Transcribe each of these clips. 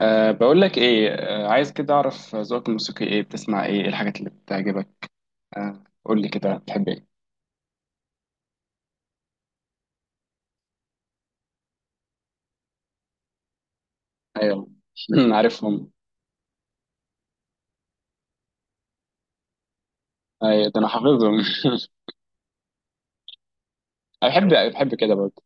بقول لك ايه، عايز كده اعرف ذوقك الموسيقي، ايه بتسمع، ايه إيه الحاجات اللي بتعجبك؟ قول لي كده، بتحب ايه؟ ايوه. عارفهم. ايوه ده انا حافظهم. انا بحب كده برضه.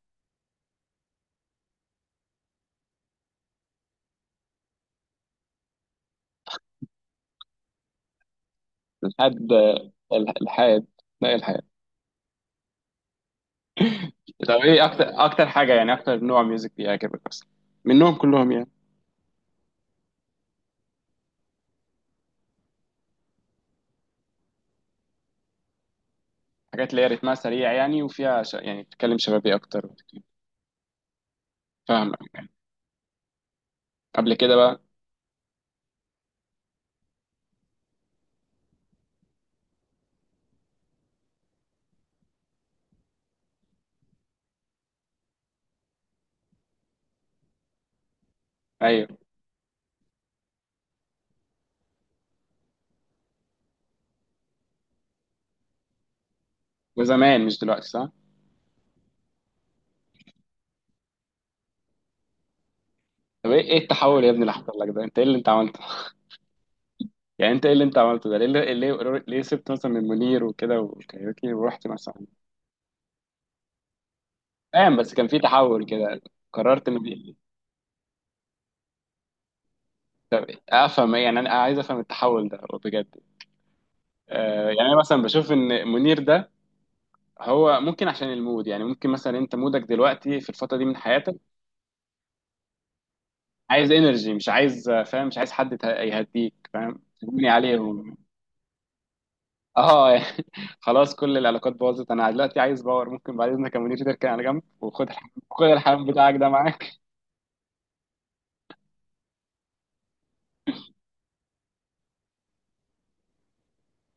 لحد الحاد. لا، إيه الحاد؟ طب ايه اكتر حاجه يعني، اكتر نوع ميوزك بيعجبك اصلا منهم كلهم يعني؟ حاجات اللي هي رتمها سريع يعني، وفيها يعني بتتكلم شبابي اكتر. فاهمك. قبل كده بقى؟ ايوه. وزمان مش دلوقتي صح؟ طب ايه التحول يا ابني اللي حصل لك ده، انت ايه اللي انت عملته؟ يعني انت ايه اللي انت عملته ده؟ ليه، ليه سبت مثلا من المنير وكده والكاريوكي ورحت مثلا؟ فاهم، بس كان في تحول كده. قررت ان دي- افهم ايه يعني، انا عايز افهم التحول ده بجد. آه، يعني انا مثلا بشوف ان منير ده هو ممكن عشان المود، يعني ممكن مثلا انت مودك دلوقتي في الفتره دي من حياتك عايز انرجي، مش عايز، فاهم، مش عايز حد يهديك فاهم، تبني عليه اه. يعني خلاص كل العلاقات باظت، انا دلوقتي عايز باور. ممكن بعد اذنك يا منير تركن على جنب، وخد خد الحمام بتاعك ده معاك.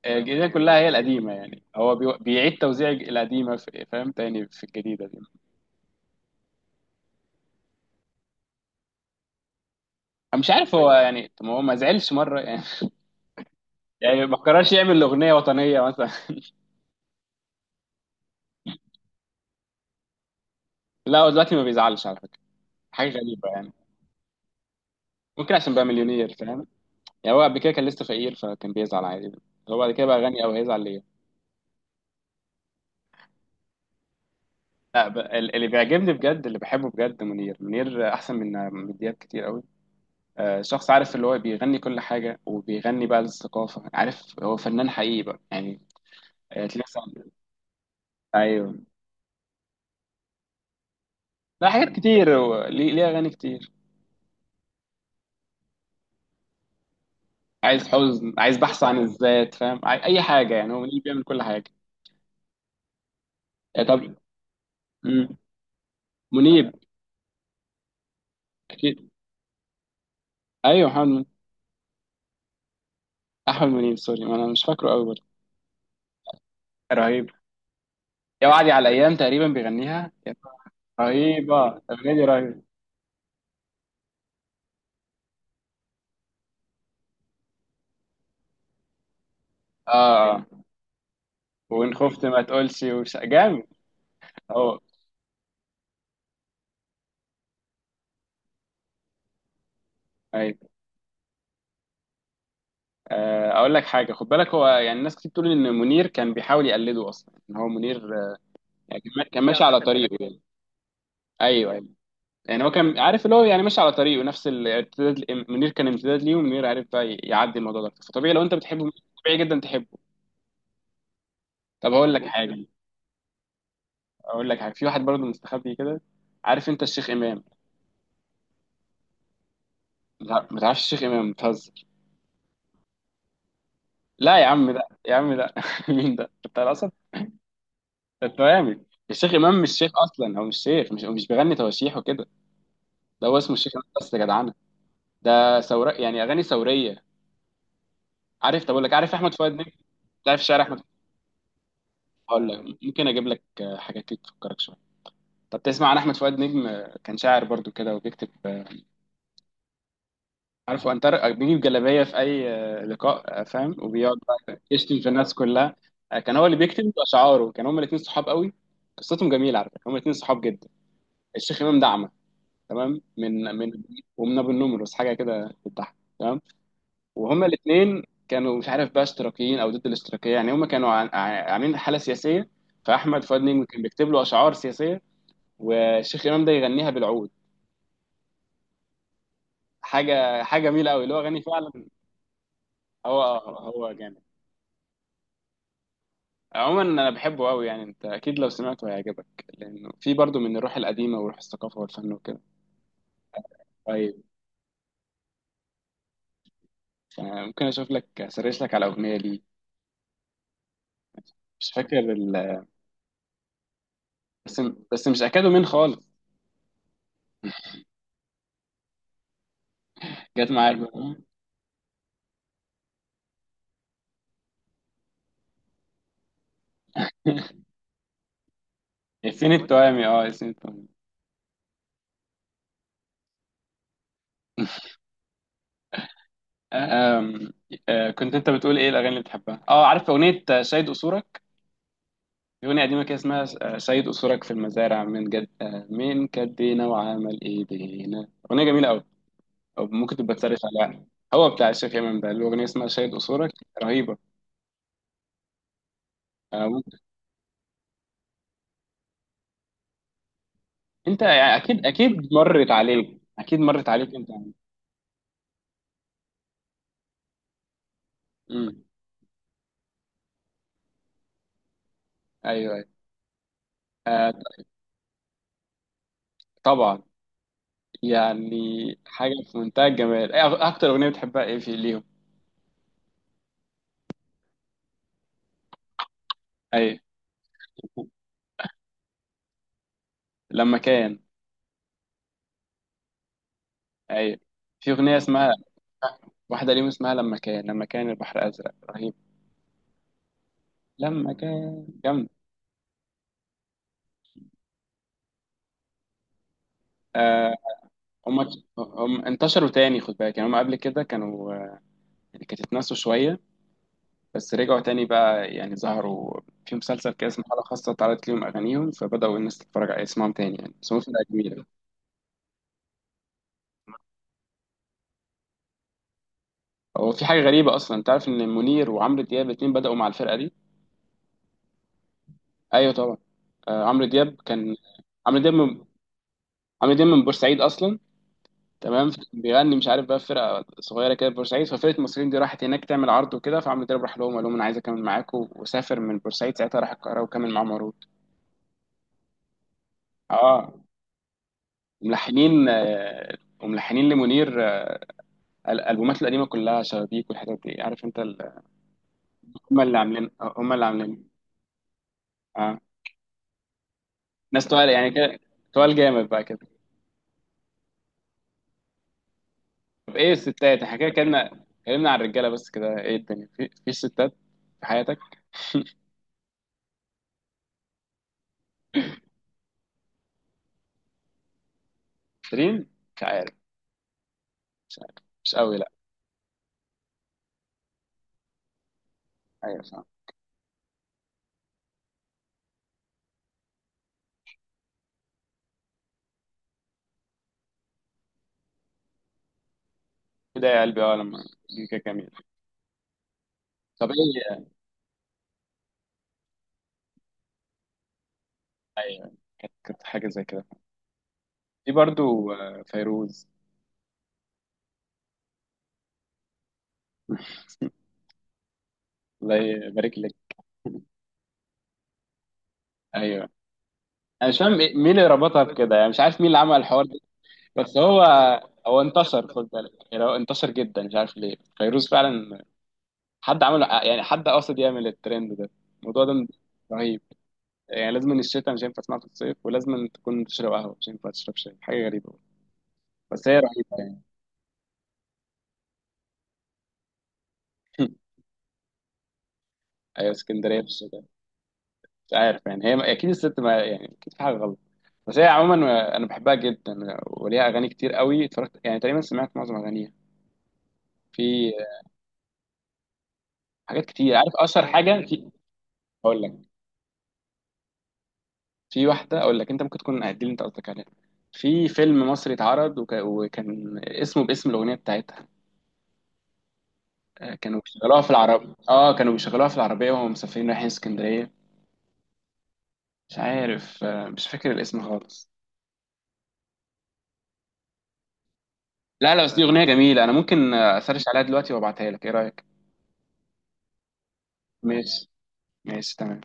الجديدة كلها هي القديمة يعني، هو بيعيد توزيع القديمة فاهم، تاني في الجديدة دي. أنا مش عارف هو يعني، طب ما هو ما زعلش مرة يعني. يعني ما قررش يعمل أغنية وطنية مثلا. لا هو دلوقتي ما بيزعلش على فكرة. حاجة غريبة يعني. ممكن عشان بقى مليونير فاهم. يعني هو قبل كده كان لسه فقير، فكان بيزعل عادي. هو بعد كده بقى غني، أو هيزعل ليه؟ لا، اللي بيعجبني بجد، اللي بحبه بجد، منير. منير أحسن من دياب كتير قوي. آه، شخص عارف، اللي هو بيغني كل حاجة، وبيغني بقى للثقافة، عارف، هو فنان حقيقي بقى يعني. آه، تلاقي مثلا. ايوه. لا حاجات كتير، هو ليه اغاني كتير. عايز حزن، عايز بحث عن الذات فاهم، اي حاجه يعني، هو منيب بيعمل كل حاجه. آه، طب. مم. منيب. اكيد. ايوه، محمد منيب. احمد منيب، سوري ما انا مش فاكره قوي برضه. رهيب. يا وعدي على الايام، تقريبا بيغنيها يا. رهيبه الاغنيه دي، رهيبه. اه، اه. وان خفت ما تقولش، جامد. هو، ايوه. آه، اقول لك حاجه، خد بالك، هو يعني الناس كتير بتقول ان منير كان بيحاول يقلده اصلا، ان هو منير، آه، يعني كان ماشي على طريقه يعني. ايوه، أيوه. يعني هو كان عارف اللي هو يعني ماشي على طريقه، نفس الامتداد. منير كان امتداد ليه، ومنير عارف بقى يعدي الموضوع ده، فطبيعي لو انت بتحبه منير، طبيعي جدا تحبه. طب هقول لك حاجه. اقول لك حاجه، في واحد برضه مستخبي كده، عارف انت الشيخ امام؟ لا ما تعرفش الشيخ امام، بتهزر. لا يا عم ده، يا عم ده. مين ده بتاع الاسد؟ انت جامد، الشيخ امام مش شيخ اصلا، هو مش شيخ، مش هو مش بيغني تواشيح وكده. ده هو اسمه الشيخ امام بس يا جدعانه. ده ثوره يعني، اغاني ثوريه. عارف؟ طب اقول لك، عارف احمد فؤاد نجم؟ تعرف شعر احمد؟ هقول لك، ممكن اجيب لك حاجات كده تفكرك شويه. طب تسمع عن احمد فؤاد نجم؟ آه، كان شاعر برضو كده، وبيكتب، عارف، هو انتر بيجيب جلابيه في اي لقاء، فاهم، وبيقعد بقى يشتم في الناس كلها. آه، كان هو اللي بيكتب اشعاره، كان هما الاثنين صحاب قوي. قصتهم جميله على فكره، هما الاثنين صحاب جدا. الشيخ امام دعمه تمام، من ومن ابو النمرس، حاجه كده بتضحك تمام. وهما الاثنين كانوا مش عارف بقى اشتراكيين او ضد الاشتراكيه يعني، هما كانوا عاملين حاله سياسيه. فاحمد فؤاد نجم كان بيكتب له اشعار سياسيه، والشيخ امام ده يغنيها بالعود. حاجه جميله قوي، اللي هو غني فعلا. هو، آه، هو جامد. عموما انا بحبه قوي يعني، انت اكيد لو سمعته هيعجبك، لانه في برضه من الروح القديمه، وروح الثقافه والفن وكده. طيب. آه، ممكن اشوف لك، اسرش لك على اغنيه ليه. مش فاكر بس بس مش اكادو مين خالص. جت معايا. ياسين التوامي، اه، ياسين التوامي. آه، آم، آه، كنت انت بتقول ايه الاغاني اللي بتحبها، اه عارف اغنيه شاهد قصورك، أغنية قديمة كده اسمها، سيد أسرك في المزارع من جد، من كدينا وعمل إيدينا، أغنية جميلة أوي. أو ممكن تبقى تسرش عليها. هو بتاع الشيخ إمام ده، الأغنية اسمها سيد أسرك. رهيبة. آه، ممكن. أنت يعني، أكيد أكيد مرت عليك، أكيد مرت عليك أنت. امم أيوه، أيوه. آه، طبعا يعني. حاجة في منتهى الجمال. إيه أكتر أغنية بتحبها إيه في ليهم؟ أيوه. لما كان. أيوه، في أغنية اسمها، واحدة ليهم اسمها لما كان، البحر أزرق، رهيبة. لما كان جامد. آه، هم. هم انتشروا تاني خد بالك، يعني هم قبل كده كانوا، يعني كانت اتنسوا شوية، بس رجعوا تاني بقى يعني ظهروا في مسلسل كده اسمه حالة خاصة، اتعرضت ليهم أغانيهم، فبدأوا الناس تتفرج على اسمهم تاني يعني، بس هم فرقة جميلة. هو في حاجة غريبة أصلا، أنت عارف إن منير وعمرو دياب الاتنين بدأوا مع الفرقة دي؟ أيوه طبعا. آه، عمرو دياب كان، عمرو دياب من... عمرو دياب من بورسعيد أصلا. تمام، فكان بيغني مش عارف بقى في فرقه صغيره كده في بورسعيد، ففرقه المصريين دي راحت هناك تعمل عرض وكده، فعمرو دياب راح لهم قال لهم انا عايز اكمل معاكم، وسافر من بورسعيد ساعتها، راح القاهره وكمل معاهم عروض. اه. وملحنين لمنير، البومات القديمه كلها شبابيك والحاجات دي، عارف انت هم اللي عاملين، اه، ناس تقال يعني كده، تقال جامد بقى كده. طب ايه الستات؟ احنا كده اتكلمنا، اتكلمنا عن الرجاله بس كده، ايه الدنيا في ستات في حياتك؟ شيرين. مش عارف. مش عارف، مش قوي، لا. ايوه، كده يا قلبي، اه لما. دي كده جميل. طب ايه. ايوه، كانت حاجه زي كده. في برضو، آه، فيروز. الله يبارك لك. ايوه، انا مش فاهم مين اللي ربطها بكده يعني، مش عارف مين اللي عمل الحوار ده. بس هو، هو انتشر خد بالك، يعني هو انتشر جدا مش عارف ليه، فيروز فعلا. حد عمل يعني، حد قاصد يعمل الترند ده، الموضوع ده. رهيب. يعني لازم إن الشتاء، مش هينفع تسمعها في الصيف، ولازم تكون تشرب قهوه، مش هينفع تشرب شاي، حاجه غريبه. بس هي رهيبه يعني. ايوه، اسكندريه. مش عارف يعني، هي اكيد الست، ما يعني اكيد في حاجه غلط، بس هي عموما انا بحبها جدا، وليها اغاني كتير قوي، اتفرجت يعني تقريبا سمعت معظم اغانيها. في حاجات كتير، عارف اشهر حاجه في. اقول لك، في واحده، اقول لك انت ممكن تكون دي اللي انت قصدك عليها. في فيلم مصري اتعرض وكان اسمه باسم الاغنيه بتاعتها، آه، كانوا بيشغلوها في العرب اه كانوا بيشغلوها في العربيه وهم مسافرين رايحين اسكندريه. مش عارف، مش فاكر الاسم خالص. لا، لا، بس دي اغنيه جميله، انا ممكن، اسرش عليها دلوقتي وابعتها لك، ايه رايك؟ ماشي. ماشي تمام.